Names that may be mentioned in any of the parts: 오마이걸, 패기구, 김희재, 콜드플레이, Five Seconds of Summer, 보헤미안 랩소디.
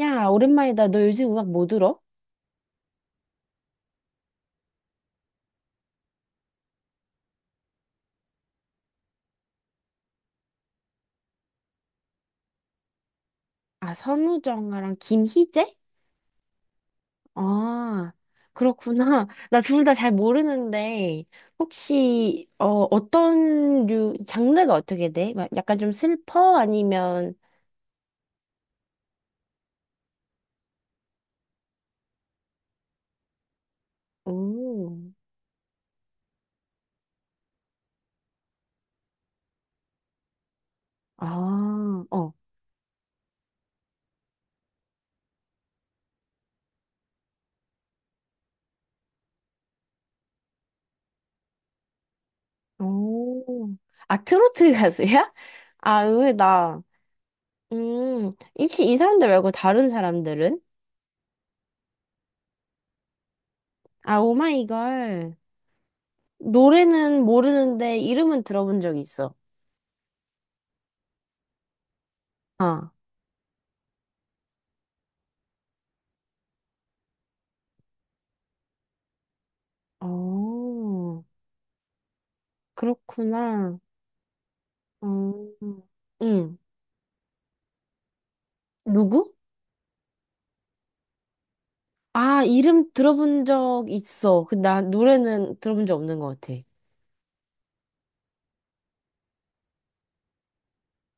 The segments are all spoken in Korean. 야, 오랜만이다. 너 요즘 음악 뭐 들어? 아, 선우정아랑 김희재? 아, 그렇구나. 나 둘 다 잘 모르는데, 혹시, 어떤 류, 장르가 어떻게 돼? 막 약간 좀 슬퍼? 아니면, 오오 아, 어, 오. 아, 트로트 가수야? 아, 의외다. 음, 혹시 이 사람들 말고 다른 사람들은? 아, 오마이걸. 노래는 모르는데, 이름은 들어본 적 있어. 어. 어, 그렇구나. 어, 응. 누구? 아, 이름 들어본 적 있어. 그, 나 노래는 들어본 적 없는 것 같아.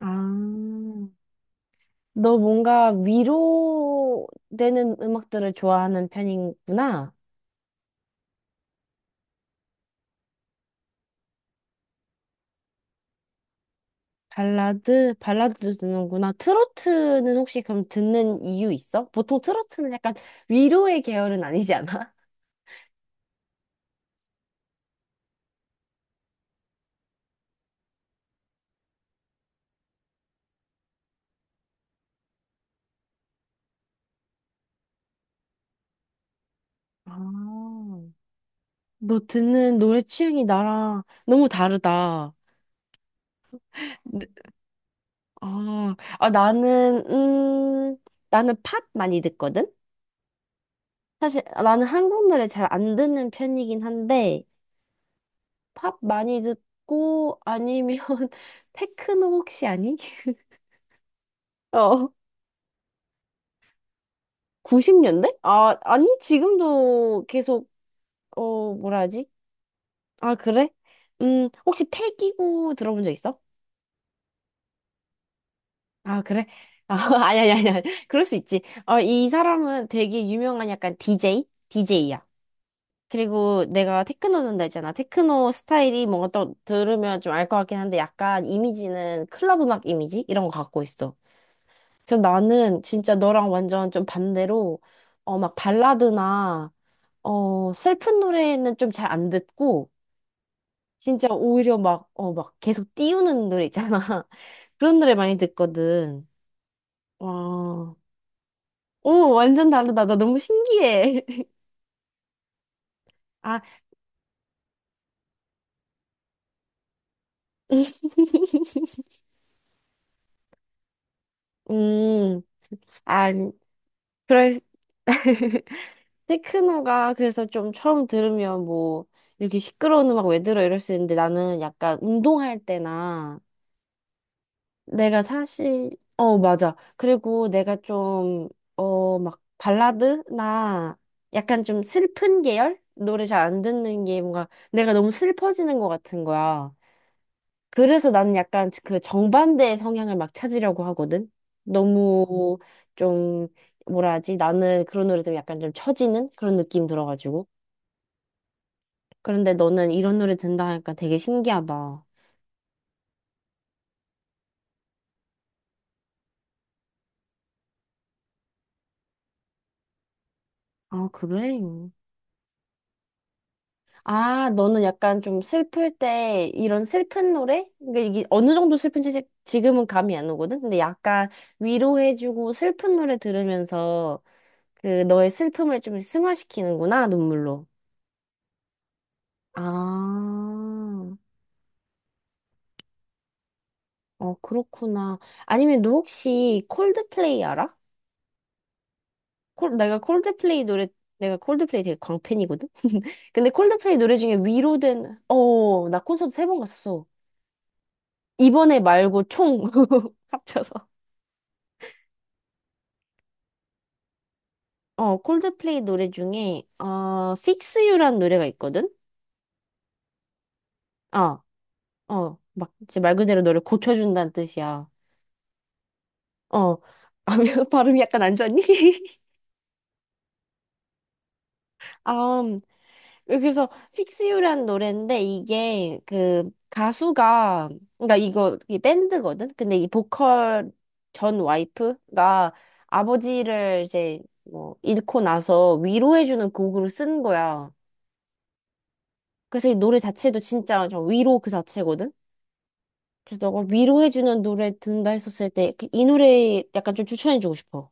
아, 너 뭔가 위로되는 음악들을 좋아하는 편이구나. 발라드도 듣는구나. 트로트는 혹시 그럼 듣는 이유 있어? 보통 트로트는 약간 위로의 계열은 아니지 않아? 아. 너 듣는 노래 취향이 나랑 너무 다르다. 아, 아, 나는 팝 많이 듣거든? 사실 나는 한국 노래 잘 안 듣는 편이긴 한데, 팝 많이 듣고, 아니면, 테크노 혹시 아니? 어, 90년대? 아, 아니, 지금도 계속, 뭐라 하지? 아, 그래? 혹시 패기구 들어본 적 있어? 아, 그래? 아, 아니, 아니, 아니, 아니. 그럴 수 있지. 이 사람은 되게 유명한 약간 DJ? DJ야. 그리고 내가 테크노 듣는다 했잖아. 테크노 스타일이 뭔가 또 들으면 좀 알 것 같긴 한데 약간 이미지는 클럽 음악 이미지? 이런 거 갖고 있어. 그래서 나는 진짜 너랑 완전 좀 반대로 막 발라드나 슬픈 노래는 좀 잘 안 듣고 진짜 오히려 막 계속 띄우는 노래 있잖아. 그런 노래 많이 듣거든. 와. 오, 완전 다르다. 나 너무 신기해. 아, 음, 아, 그럴, 테크노가 그래서 좀 처음 들으면 뭐 이렇게 시끄러운 음악 왜 들어 이럴 수 있는데 나는 약간 운동할 때나 내가 사실 어 맞아. 그리고 내가 좀 막 발라드나 약간 좀 슬픈 계열 노래 잘 안 듣는 게 뭔가 내가 너무 슬퍼지는 것 같은 거야. 그래서 나는 약간 그 정반대의 성향을 막 찾으려고 하거든. 너무 좀 뭐라 하지. 나는 그런 노래 들으면 약간 좀 처지는 그런 느낌 들어가지고 그런데 너는 이런 노래 듣는다 하니까 되게 신기하다. 아, 그래? 아, 너는 약간 좀 슬플 때 이런 슬픈 노래? 그러니까 이게 어느 정도 슬픈지 지금은 감이 안 오거든? 근데 약간 위로해주고 슬픈 노래 들으면서 그 너의 슬픔을 좀 승화시키는구나, 눈물로. 아, 어, 그렇구나. 아니면 너 혹시 콜드플레이 알아? 내가 콜드플레이 노래, 내가 콜드플레이 되게 광팬이거든? 근데 콜드플레이 노래 중에 나 콘서트 3번 갔었어. 이번에 말고 총 합쳐서. 어, 콜드플레이 노래 중에, Fix You란 노래가 있거든? 어, 막, 이제 말 그대로 너를 고쳐준다는 뜻이야. 어, 아, 발음이 약간 안 좋았니? 아, 그래서 Fix You라는 노래인데 이게 그 가수가 그러니까 이거 이 밴드거든. 근데 이 보컬 전 와이프가 아버지를 이제 뭐 잃고 나서 위로해주는 곡으로 쓴 거야. 그래서 이 노래 자체도 진짜 저 위로 그 자체거든. 그래서 너가 위로해주는 노래 듣는다 했었을 때 그 이 노래 약간 좀 추천해주고 싶어.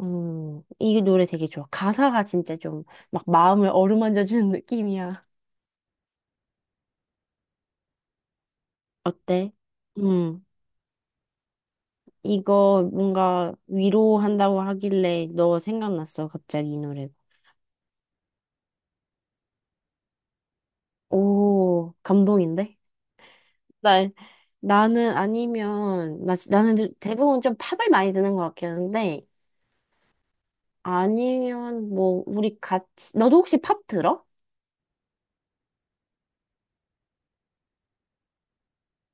이 노래 되게 좋아. 가사가 진짜 좀 막 마음을 어루만져주는 느낌이야. 어때? 음. 이거 뭔가 위로한다고 하길래 너 생각났어, 갑자기 이 노래가. 오, 감동인데? 나, 나는 아니면, 나는 대부분 좀 팝을 많이 듣는 것 같긴 한데, 아니면 뭐, 우리 같이, 너도 혹시 팝 들어?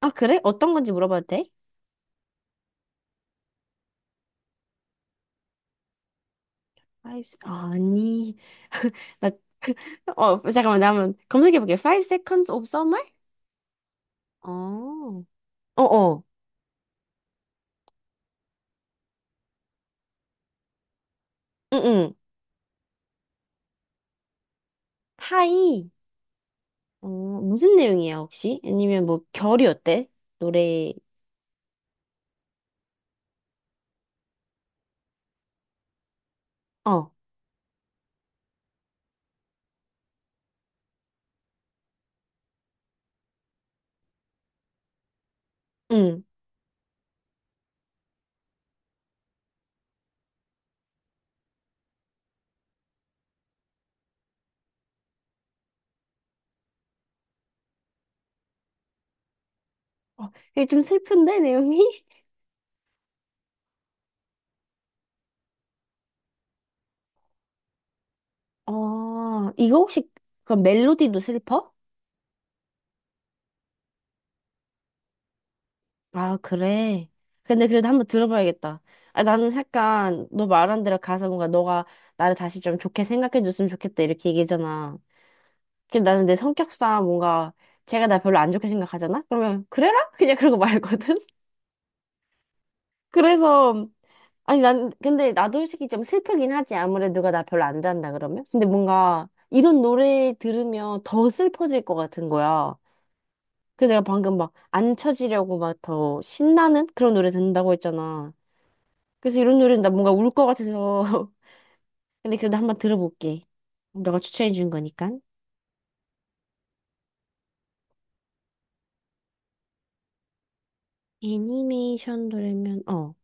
아, 그래? 어떤 건지 물어봐도 돼? Five 아니, 나, 잠깐만, 나 한번 검색해볼게. Five Seconds of Summer? 어, 어어, 응응. 하이. 무슨 내용이야, 혹시? 아니면 뭐, 결이 어때? 노래, 어, 응. 어, 이게 좀 슬픈데, 내용이? 어, 그 멜로디도 슬퍼? 아, 그래. 근데 그래도 한번 들어봐야겠다. 아, 나는 약간, 너 말한 대로 가서 뭔가 너가 나를 다시 좀 좋게 생각해 줬으면 좋겠다, 이렇게 얘기잖아. 근데 나는 내 성격상 뭔가, 제가 나 별로 안 좋게 생각하잖아? 그러면, 그래라? 그냥 그러고 말거든? 그래서, 아니, 난, 근데 나도 솔직히 좀 슬프긴 하지. 아무래도 누가 나 별로 안 잔다 그러면. 근데 뭔가 이런 노래 들으면 더 슬퍼질 것 같은 거야. 그래서 내가 방금 막 안 쳐지려고 막 더 신나는 그런 노래 듣는다고 했잖아. 그래서 이런 노래는 나 뭔가 울 것 같아서. 근데 그래도 한번 들어볼게. 너가 추천해 준 거니까. 애니메이션 노래면, 어.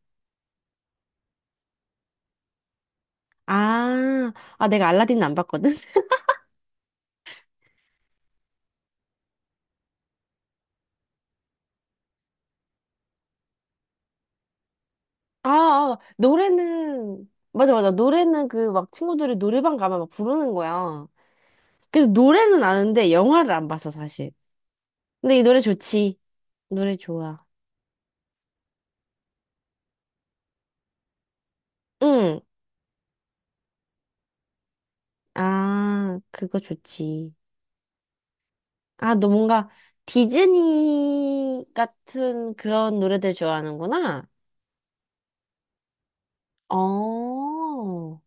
아, 아, 내가 알라딘 안 봤거든? 아, 아, 노래는, 맞아, 맞아. 노래는 그 막 친구들이 노래방 가면 막 부르는 거야. 그래서 노래는 아는데 영화를 안 봤어, 사실. 근데 이 노래 좋지. 노래 좋아. 응. 아, 그거 좋지. 아, 너 뭔가 디즈니 같은 그런 노래들 좋아하는구나. 어.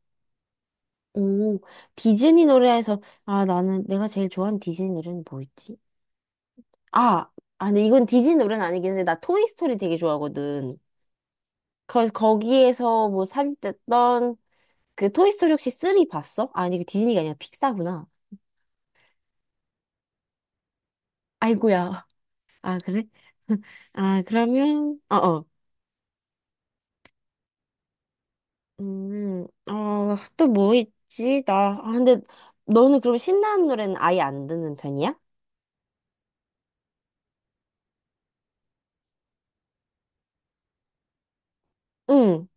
오, 디즈니 노래에서, 아, 나는 내가 제일 좋아하는 디즈니 노래는 뭐였지? 아, 아, 근데 이건 디즈니 노래는 아니긴 한데, 나 토이스토리 되게 좋아하거든. 그래서 거기에서 뭐 삽입됐던 그 토이스토리 혹시 3 봤어? 아니, 그 디즈니가 아니라 픽사구나. 아이고야. 아, 그래? 아, 그러면, 어, 어. 또 뭐 있지? 근데 너는 그럼 신나는 노래는 아예 안 듣는 편이야? 응.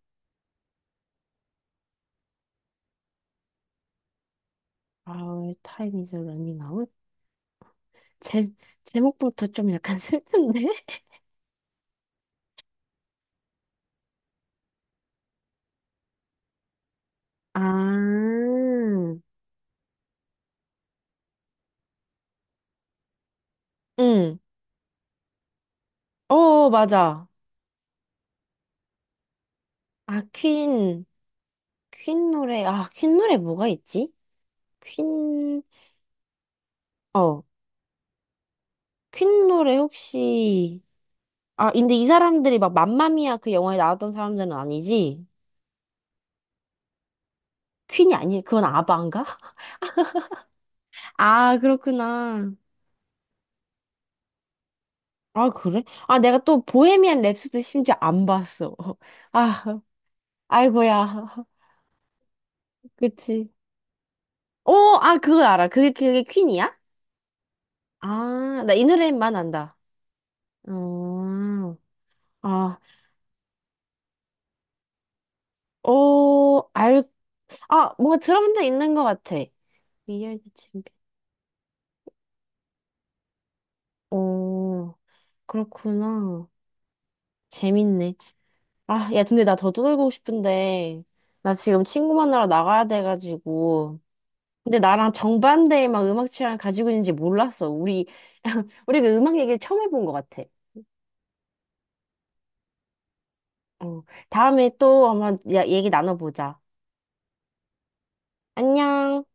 아, 타임 이즈 러닝 아웃? 제, 제목부터 좀 약간 슬픈데? 아, 응. 어, 맞아. 아, 퀸. 퀸 노래. 아, 퀸 노래 뭐가 있지? 퀸, 어. 퀸 노래 혹시 아, 근데 이 사람들이 막 맘마미아 그 영화에 나왔던 사람들은 아니지? 퀸이 아니, 그건 아바인가? 아, 그렇구나. 아, 그래? 아, 내가 또 보헤미안 랩소디 심지어 안 봤어. 아, 아이고야. 그치. 오, 아, 그거 알아. 그게 퀸이야? 아, 나 이 노래만 안다. 어, 아, 어, 아, 뭔가 들어본 적 있는 것 같아. 미열의 친구. 오, 그렇구나. 재밌네. 아, 야, 근데 나 더 떠들고 싶은데, 나 지금 친구 만나러 나가야 돼가지고. 근데 나랑 정반대의 막 음악 취향을 가지고 있는지 몰랐어. 우리, 우리 그 음악 얘기를 처음 해본 것 같아. 어, 다음에 또 한번 얘기 나눠보자. 안녕.